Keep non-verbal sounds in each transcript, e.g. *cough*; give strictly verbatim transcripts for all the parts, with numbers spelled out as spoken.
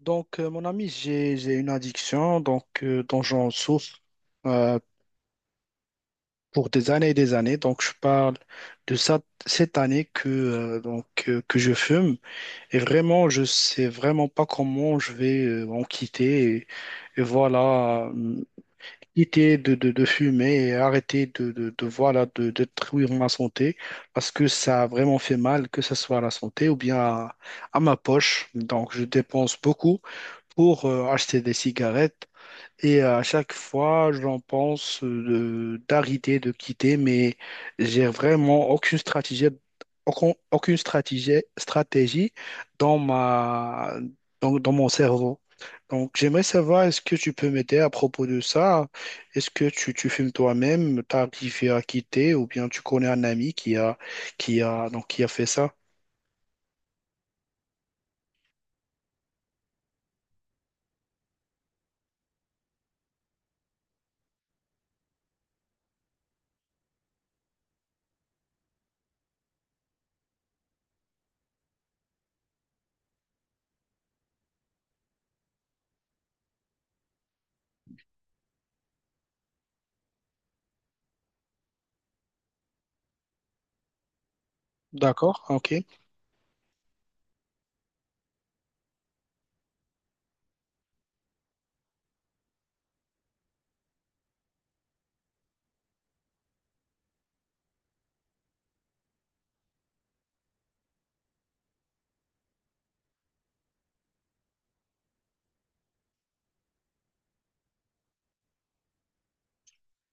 Donc, euh, mon ami, j'ai, j'ai une addiction donc, euh, dont j'en souffre euh, pour des années et des années. Donc, je parle de ça, cette année que, euh, donc, euh, que je fume. Et vraiment, je sais vraiment pas comment je vais euh, en quitter. Et, et voilà, euh, quitter de, de, de fumer et arrêter de, de, de, voilà, de, détruire ma santé parce que ça a vraiment fait mal, que ce soit à la santé ou bien à, à ma poche. Donc, je dépense beaucoup pour euh, acheter des cigarettes. Et à chaque fois, j'en pense euh, de- d'arrêter, de quitter, mais j'ai vraiment aucune stratégie, aucun- aucune stratégie, stratégie dans ma, dans, dans mon cerveau. Donc, j'aimerais savoir, est-ce que tu peux m'aider à propos de ça? Est-ce que tu, tu fumes toi-même, t'as arrivé à quitter, ou bien tu connais un ami qui a, qui a, donc, qui a fait ça? D'accord, ok.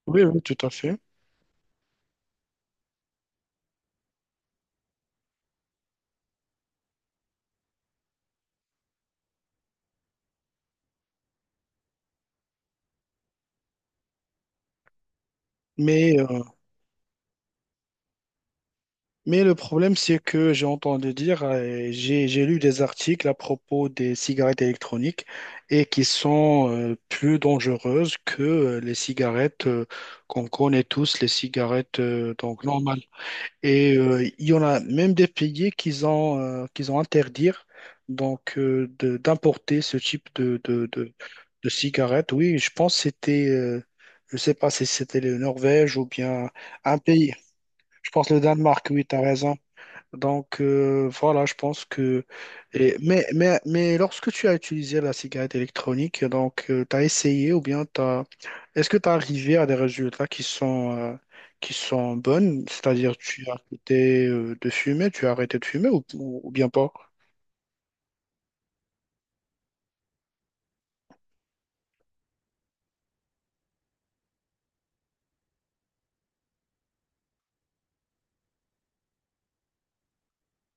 Oui, oui, tout à fait. Mais euh, Mais le problème, c'est que j'ai entendu dire, euh, j'ai j'ai lu des articles à propos des cigarettes électroniques et qui sont euh, plus dangereuses que euh, les cigarettes euh, qu'on connaît tous, les cigarettes euh, donc normales. Et euh, il y en a même des pays qui ont euh, qu'ils ont interdire donc euh, de- d'importer ce type de de, de de cigarettes. Oui, je pense que c'était euh, je sais pas si c'était le Norvège ou bien un pays. Je pense le Danemark. Oui, tu as raison. Donc euh, voilà, je pense que. et- mais, mais, mais lorsque tu as utilisé la cigarette électronique, donc tu as essayé ou bien t'as... est-ce que tu as arrivé à des résultats qui sont, euh, qui sont bonnes? C'est-à-dire tu as arrêté euh, de fumer, tu as arrêté de fumer ou, ou- ou bien pas?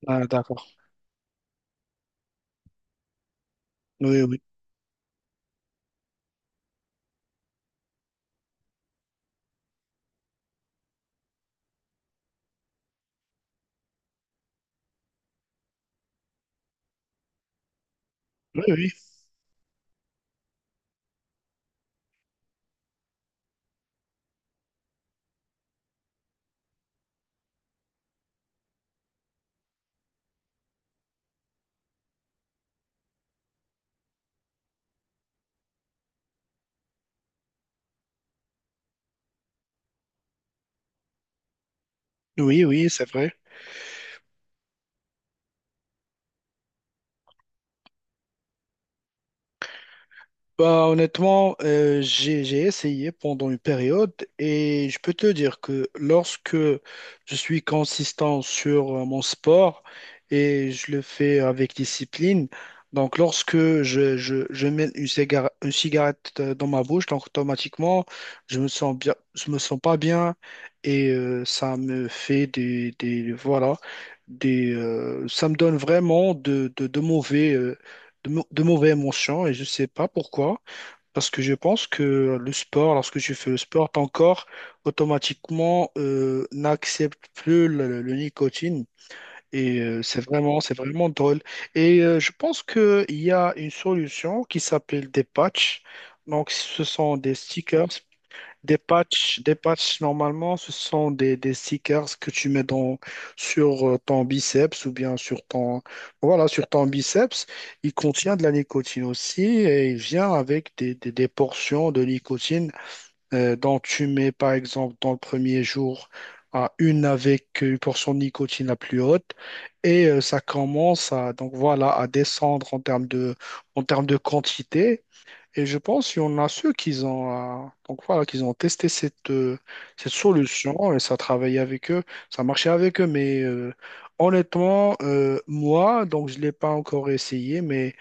Ah, d'accord. Oui, oui. Oui, oui. Oui, oui, c'est vrai. Bah, honnêtement, euh, j'ai, j'ai essayé pendant une période et je peux te dire que lorsque je suis consistant sur euh, mon sport et je le fais avec discipline, donc lorsque je, je, je mets une cigarette, une cigarette euh, dans ma bouche, donc automatiquement, je me sens bien, je me sens pas bien et euh, ça me fait des, des voilà, des, euh, ça me donne vraiment de, de, de mauvais, euh, de, mau- de mauvais émotions et je sais pas pourquoi. Parce que je pense que le sport, lorsque tu fais le sport, ton corps automatiquement euh, n'accepte plus le, le- le nicotine. Et euh, c'est vraiment, c'est vraiment drôle. Et euh, je pense qu'il y a une solution qui s'appelle des patchs. Donc, ce sont des stickers des patchs, des patchs, normalement, ce sont des, des stickers que tu mets dans, sur euh, ton biceps ou bien sur ton, voilà, sur ton biceps. Il contient de la nicotine aussi et il vient avec des, des- des portions de nicotine euh, dont tu mets, par exemple, dans le premier jour, à une avec une portion de nicotine la plus haute et euh, ça commence à, donc voilà, à descendre en termes de, en termes de quantité et je pense qu'il y en a ceux qui ont, euh, donc voilà, qu'ils ont testé cette, euh, cette solution et ça travaillait avec eux, ça marchait avec eux. Mais euh, honnêtement, euh, moi, donc je ne l'ai pas encore essayé, mais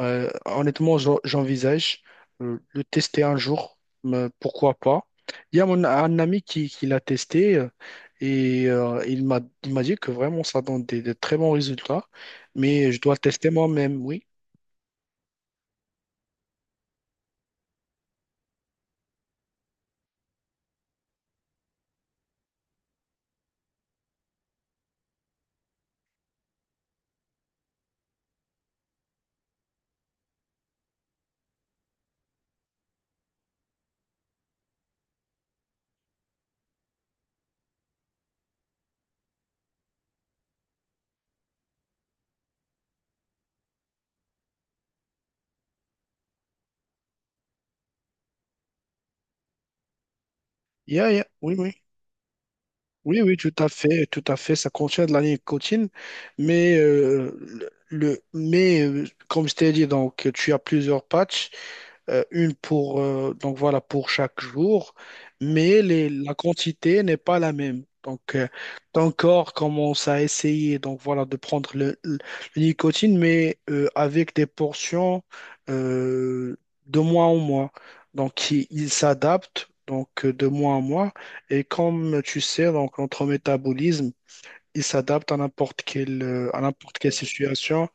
euh, honnêtement, j'en- j'envisage euh, le tester un jour, mais pourquoi pas. Il y a mon, un ami qui, qui l'a testé euh, et euh, il m'a, il m'a dit que vraiment ça donne des, des très bons résultats, mais je dois le tester moi-même, oui. Yeah, yeah, oui, oui. Oui, oui, tout à fait, tout à fait. Ça contient de la nicotine, mais euh, le, le- mais euh, comme je t'ai dit, donc tu as plusieurs patchs euh, une pour, euh, donc voilà, pour chaque jour, mais les- la quantité n'est pas la même. Donc, euh, ton corps commence à essayer donc voilà, de prendre le, le- le nicotine, mais euh, avec des portions euh, de mois en mois. Donc, il, il s'adapte donc euh, de mois en mois. Et comme tu sais, donc, notre métabolisme, il s'adapte à n'importe quelle, euh, à n'importe quelle situation.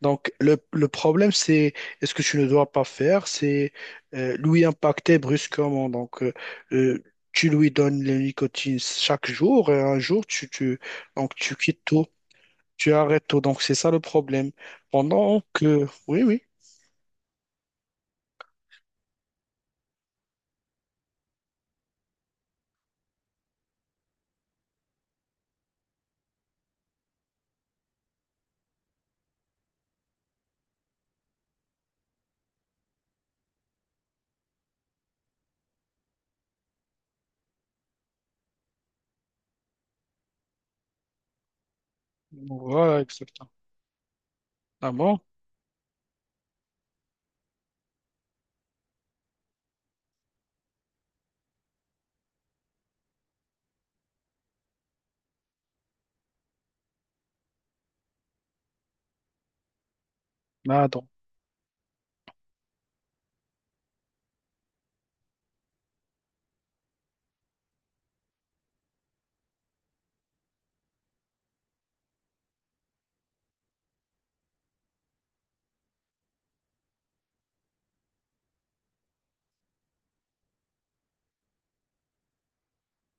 Donc, le, le problème, c'est est-ce que tu ne dois pas faire, c'est euh, lui impacter brusquement. Donc, euh, euh, tu lui donnes la nicotine chaque jour et un jour, tu, tu, donc, tu quittes tout. Tu arrêtes tout, donc c'est ça le problème. Pendant que... Oui, oui. Voilà, exactement. Ah bon? Ah, donc.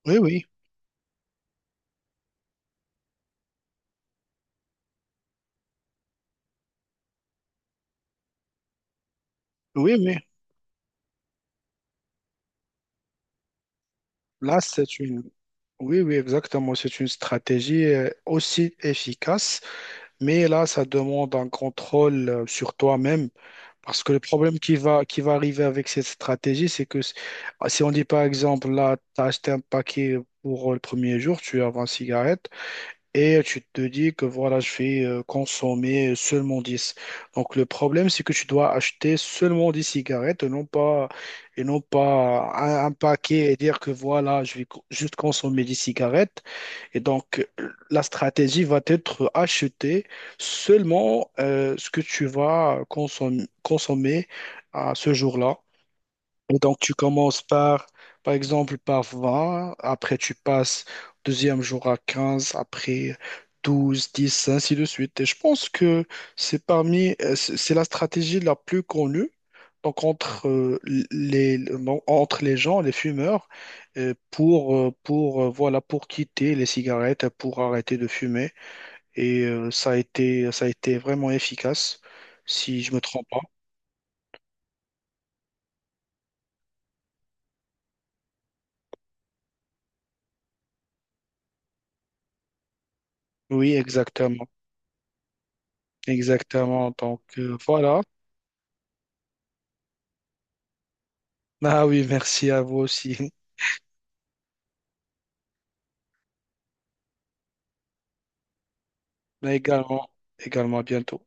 Oui, oui. Oui, mais là, c'est une... Oui, oui, exactement. C'est une stratégie euh, aussi efficace. Mais là, ça demande un contrôle euh, sur toi-même parce que le problème qui va, qui va arriver avec cette stratégie, c'est que s- si on dit par exemple, là, tu as acheté un paquet pour euh, le premier jour, tu as vingt cigarettes et tu te dis que voilà, je vais euh, consommer seulement dix. Donc le problème, c'est que tu dois acheter seulement dix cigarettes et non pas, et non pas un, un paquet et dire que voilà, je vais co- juste consommer dix cigarettes et donc, la stratégie va être acheter seulement euh, ce que tu vas consom- consommer à ce jour-là. Et donc, tu commences par, par exemple, par vingt, après tu passes au deuxième jour à quinze, après douze, dix, ainsi de suite. Et je pense que c'est parmi, euh, c'est c'est la stratégie la plus connue. Donc, entre, euh, les, non, entre les gens, les fumeurs, euh, pour, euh, pour, euh, voilà, pour quitter les cigarettes, pour arrêter de fumer. Et euh, ça a été, ça a été vraiment efficace, si je me trompe pas. Oui, exactement. Exactement. Donc, euh, voilà. Ah oui, merci à vous aussi. *laughs* Mais également, également à bientôt.